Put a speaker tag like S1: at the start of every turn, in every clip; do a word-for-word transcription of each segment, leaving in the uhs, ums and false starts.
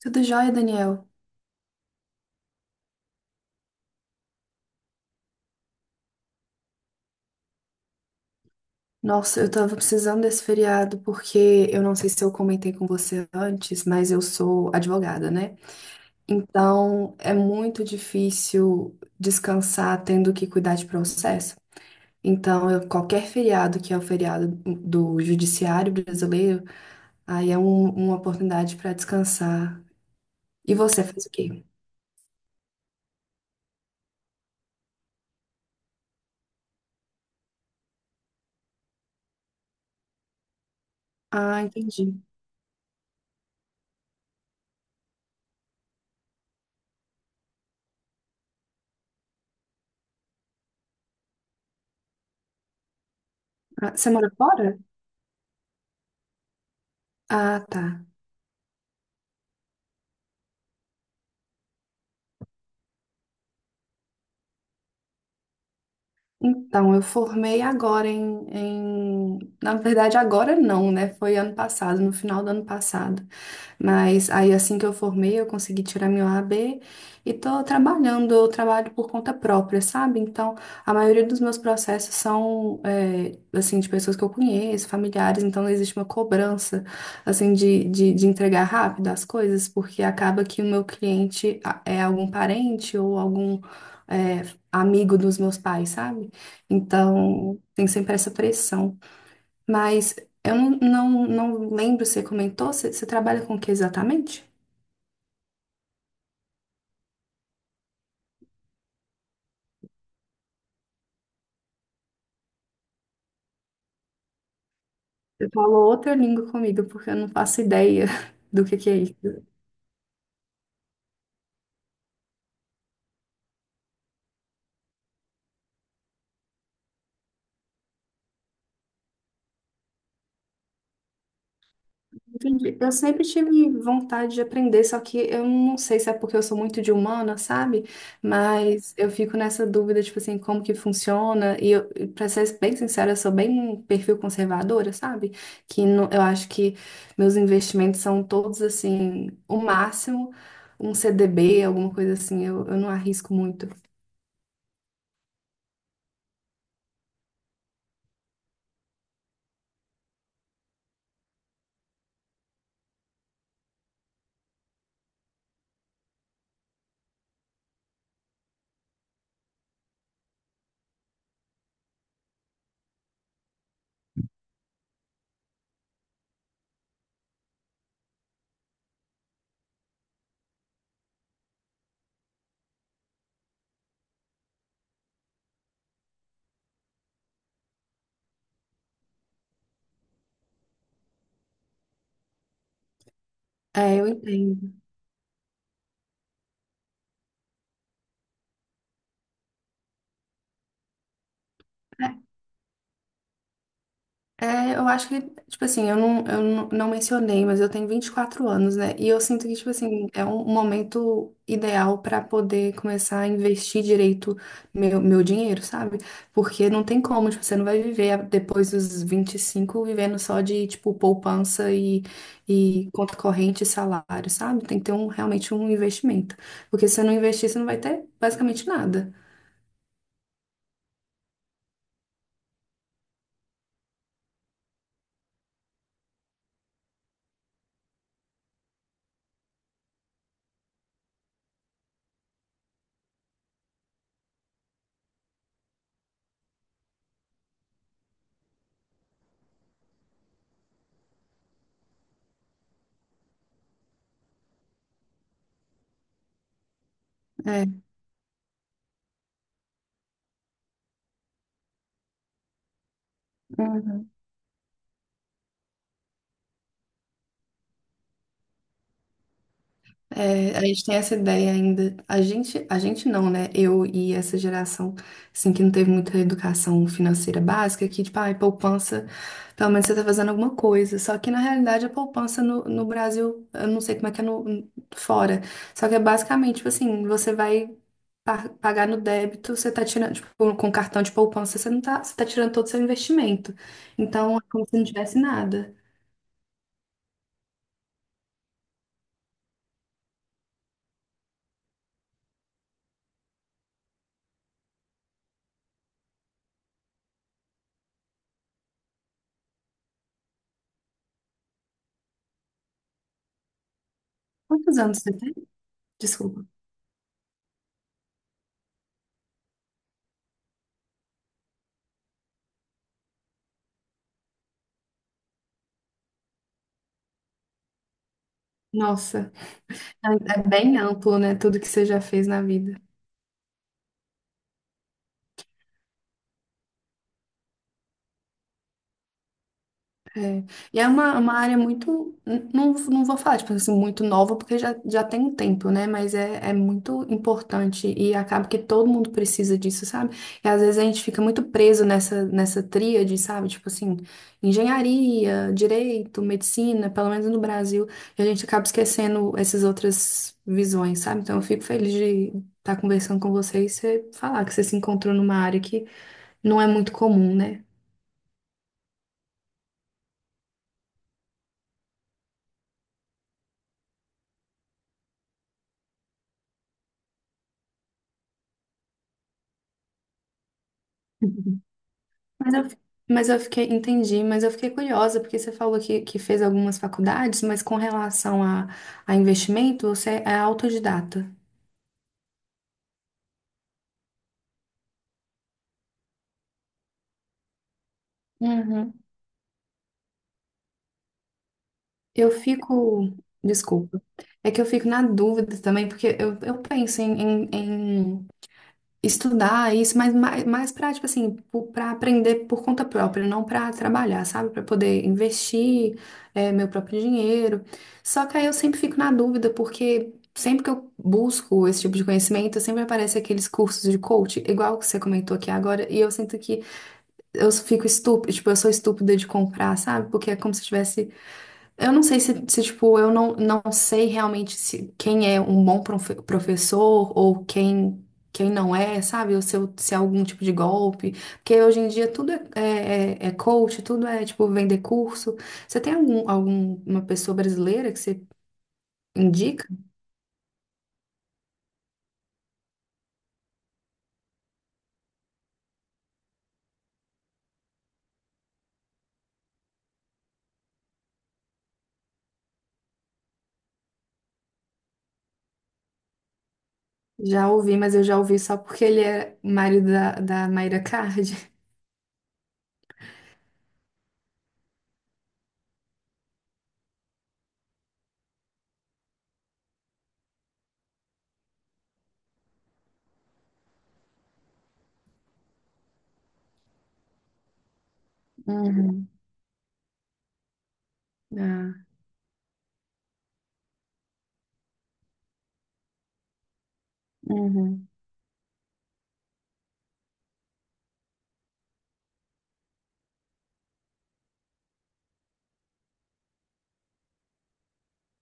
S1: Tudo jóia, Daniel? Nossa, eu tava precisando desse feriado porque eu não sei se eu comentei com você antes, mas eu sou advogada, né? Então é muito difícil descansar tendo que cuidar de processo. Então, eu- qualquer feriado que é o feriado do judiciário brasileiro, aí é um- uma oportunidade para descansar. E você fez o quê? Ah, entendi. Ah, você mora fora? Ah, tá. Então, eu formei agora em, em... Na verdade, agora não, né? Foi ano passado, no final do ano passado. Mas aí assim que eu formei, eu consegui tirar meu A B e tô trabalhando, eu trabalho por conta própria, sabe? Então, a maioria dos meus processos são, é, assim, de pessoas que eu conheço, familiares, então não existe uma cobrança, assim, de, de, de entregar rápido as coisas, porque acaba que o meu cliente a- é algum parente ou algum, é, amigo dos meus pais, sabe? Então, tem sempre essa pressão. Mas eu não, não, não lembro se você comentou, você, você trabalha com o que exatamente? Você falou outra língua comigo, porque eu não faço ideia do que que é isso. Entendi. Eu sempre tive vontade de aprender, só que eu não sei se é porque eu sou muito de humana, sabe? Mas eu fico nessa dúvida, tipo assim, como que funciona. E eu, e pra ser bem sincera, eu sou bem um perfil conservadora, sabe? Que não- Eu acho que meus investimentos são todos, assim, o máximo, um C D B, alguma coisa assim, eu, eu não arrisco muito. É, eu entendo. É, eu acho que, tipo assim, eu não, eu não não mencionei, mas eu tenho vinte e quatro anos, né? E eu sinto que, tipo assim, é um momento ideal pra poder começar a investir direito meu, meu dinheiro, sabe? Porque não tem como, tipo, você não vai viver a- depois dos vinte e cinco vivendo só de, tipo, poupança e, e conta corrente e salário, sabe? Tem que ter um, realmente um investimento. Porque se você não investir, você não vai ter basicamente nada. É. É, a gente tem essa ideia ainda. A gente, a gente não, né? Eu e essa geração, assim, que não teve muita educação financeira básica, que, tipo, ai, poupança, pelo menos você tá fazendo alguma coisa. Só que, na realidade, a poupança no, no Brasil, eu não sei como é que é no, fora. Só que é basicamente, tipo assim, você vai pa- pagar no débito, você tá tirando, tipo, com cartão de poupança, você não tá, você tá tirando todo o seu investimento. Então, é como se não tivesse nada. Quantos anos você tem? Desculpa. Nossa. É é bem amplo, né? Tudo que você já fez na vida. É. E é uma, uma área muito. n- Não, não vou falar, tipo assim, muito nova, porque já, já tem um tempo, né? Mas é, é muito importante e acaba que todo mundo precisa disso, sabe? E às vezes a gente fica muito preso nessa, nessa tríade, sabe? Tipo assim, engenharia, direito, medicina, pelo menos no Brasil, e a gente acaba esquecendo essas outras visões, sabe? Então eu fico feliz de estar conversando com vocês e você falar que você se encontrou numa área que não é muito comum, né? Uhum. Mas eu, mas eu fiquei, Entendi, mas eu fiquei curiosa, porque você falou que, que fez algumas faculdades, mas com relação a, a investimento, você é autodidata. Uhum. Eu fico, desculpa, é que eu fico na dúvida também, porque eu, eu penso em, em, estudar isso, mas mais, mais para, tipo assim, para aprender por conta própria, não para trabalhar, sabe? Para poder investir é, meu próprio dinheiro. Só que aí eu sempre fico na dúvida, porque sempre que eu busco esse tipo de conhecimento, sempre aparece aqueles cursos de coach, igual que você comentou aqui agora, e eu sinto que eu fico estúpida, tipo, eu sou estúpida de comprar, sabe? Porque é como se eu tivesse eu não sei se, se, tipo, eu não, não sei realmente se quem é um bom profe- professor ou quem, quem não é, sabe? Ou se, eu- se é algum tipo de golpe. Porque hoje em dia tudo é, é, é é coach, tudo é, tipo, vender curso. Você tem algum, alguma pessoa brasileira que você indica? Já ouvi, mas eu já ouvi só porque ele é marido da, da Mayra Card. Uhum. Ah, uhum.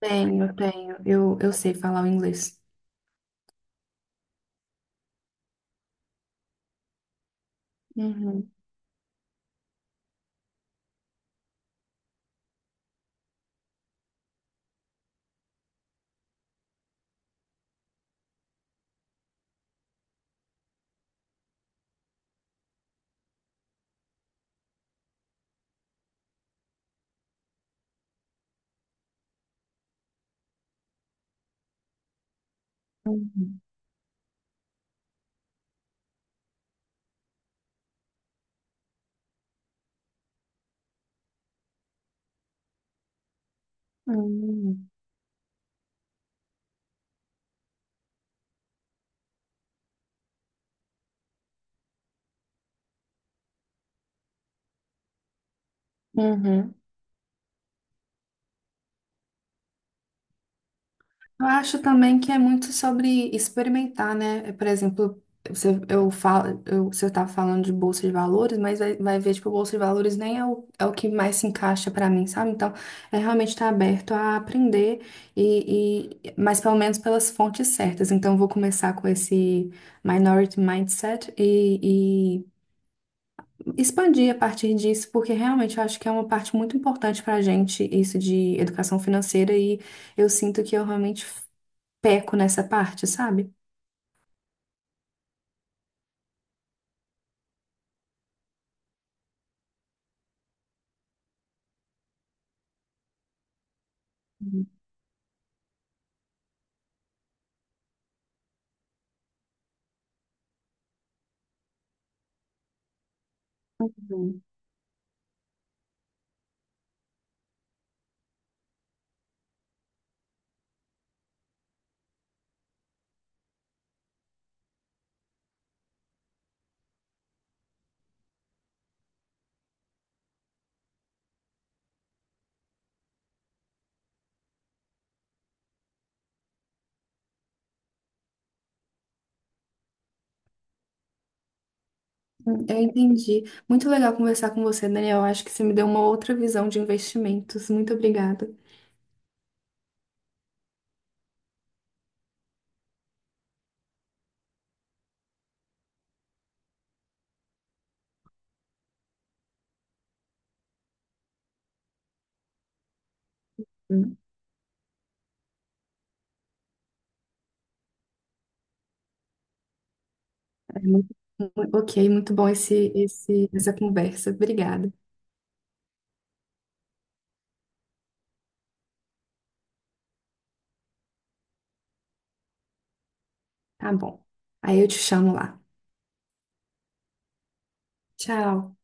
S1: Tenho, tenho. Eu, eu sei falar o inglês. Uhum. Uhum. Uhum. Uhum. Eu acho também que é muito sobre experimentar, né? Por exemplo, você, eu falo, eu, você estava falando de bolsa de valores, mas vai, vai ver, tipo, bolsa de valores nem é o, é o que mais se encaixa para mim, sabe? Então, é realmente estar aberto a aprender, e, e, mas pelo menos pelas fontes certas. Então, eu vou começar com esse Minority Mindset e, e expandir a partir disso, porque realmente eu acho que é uma parte muito importante para a gente, isso de educação financeira, e eu sinto que eu realmente peco nessa parte, sabe? Uhum. Eu entendi. Muito legal conversar com você, Daniel. Eu acho que você me deu uma outra visão de investimentos. Muito obrigada. Uhum. É muito- mu- ok, muito bom esse, esse, essa conversa. Obrigada. Tá bom. Aí eu te chamo lá. Tchau.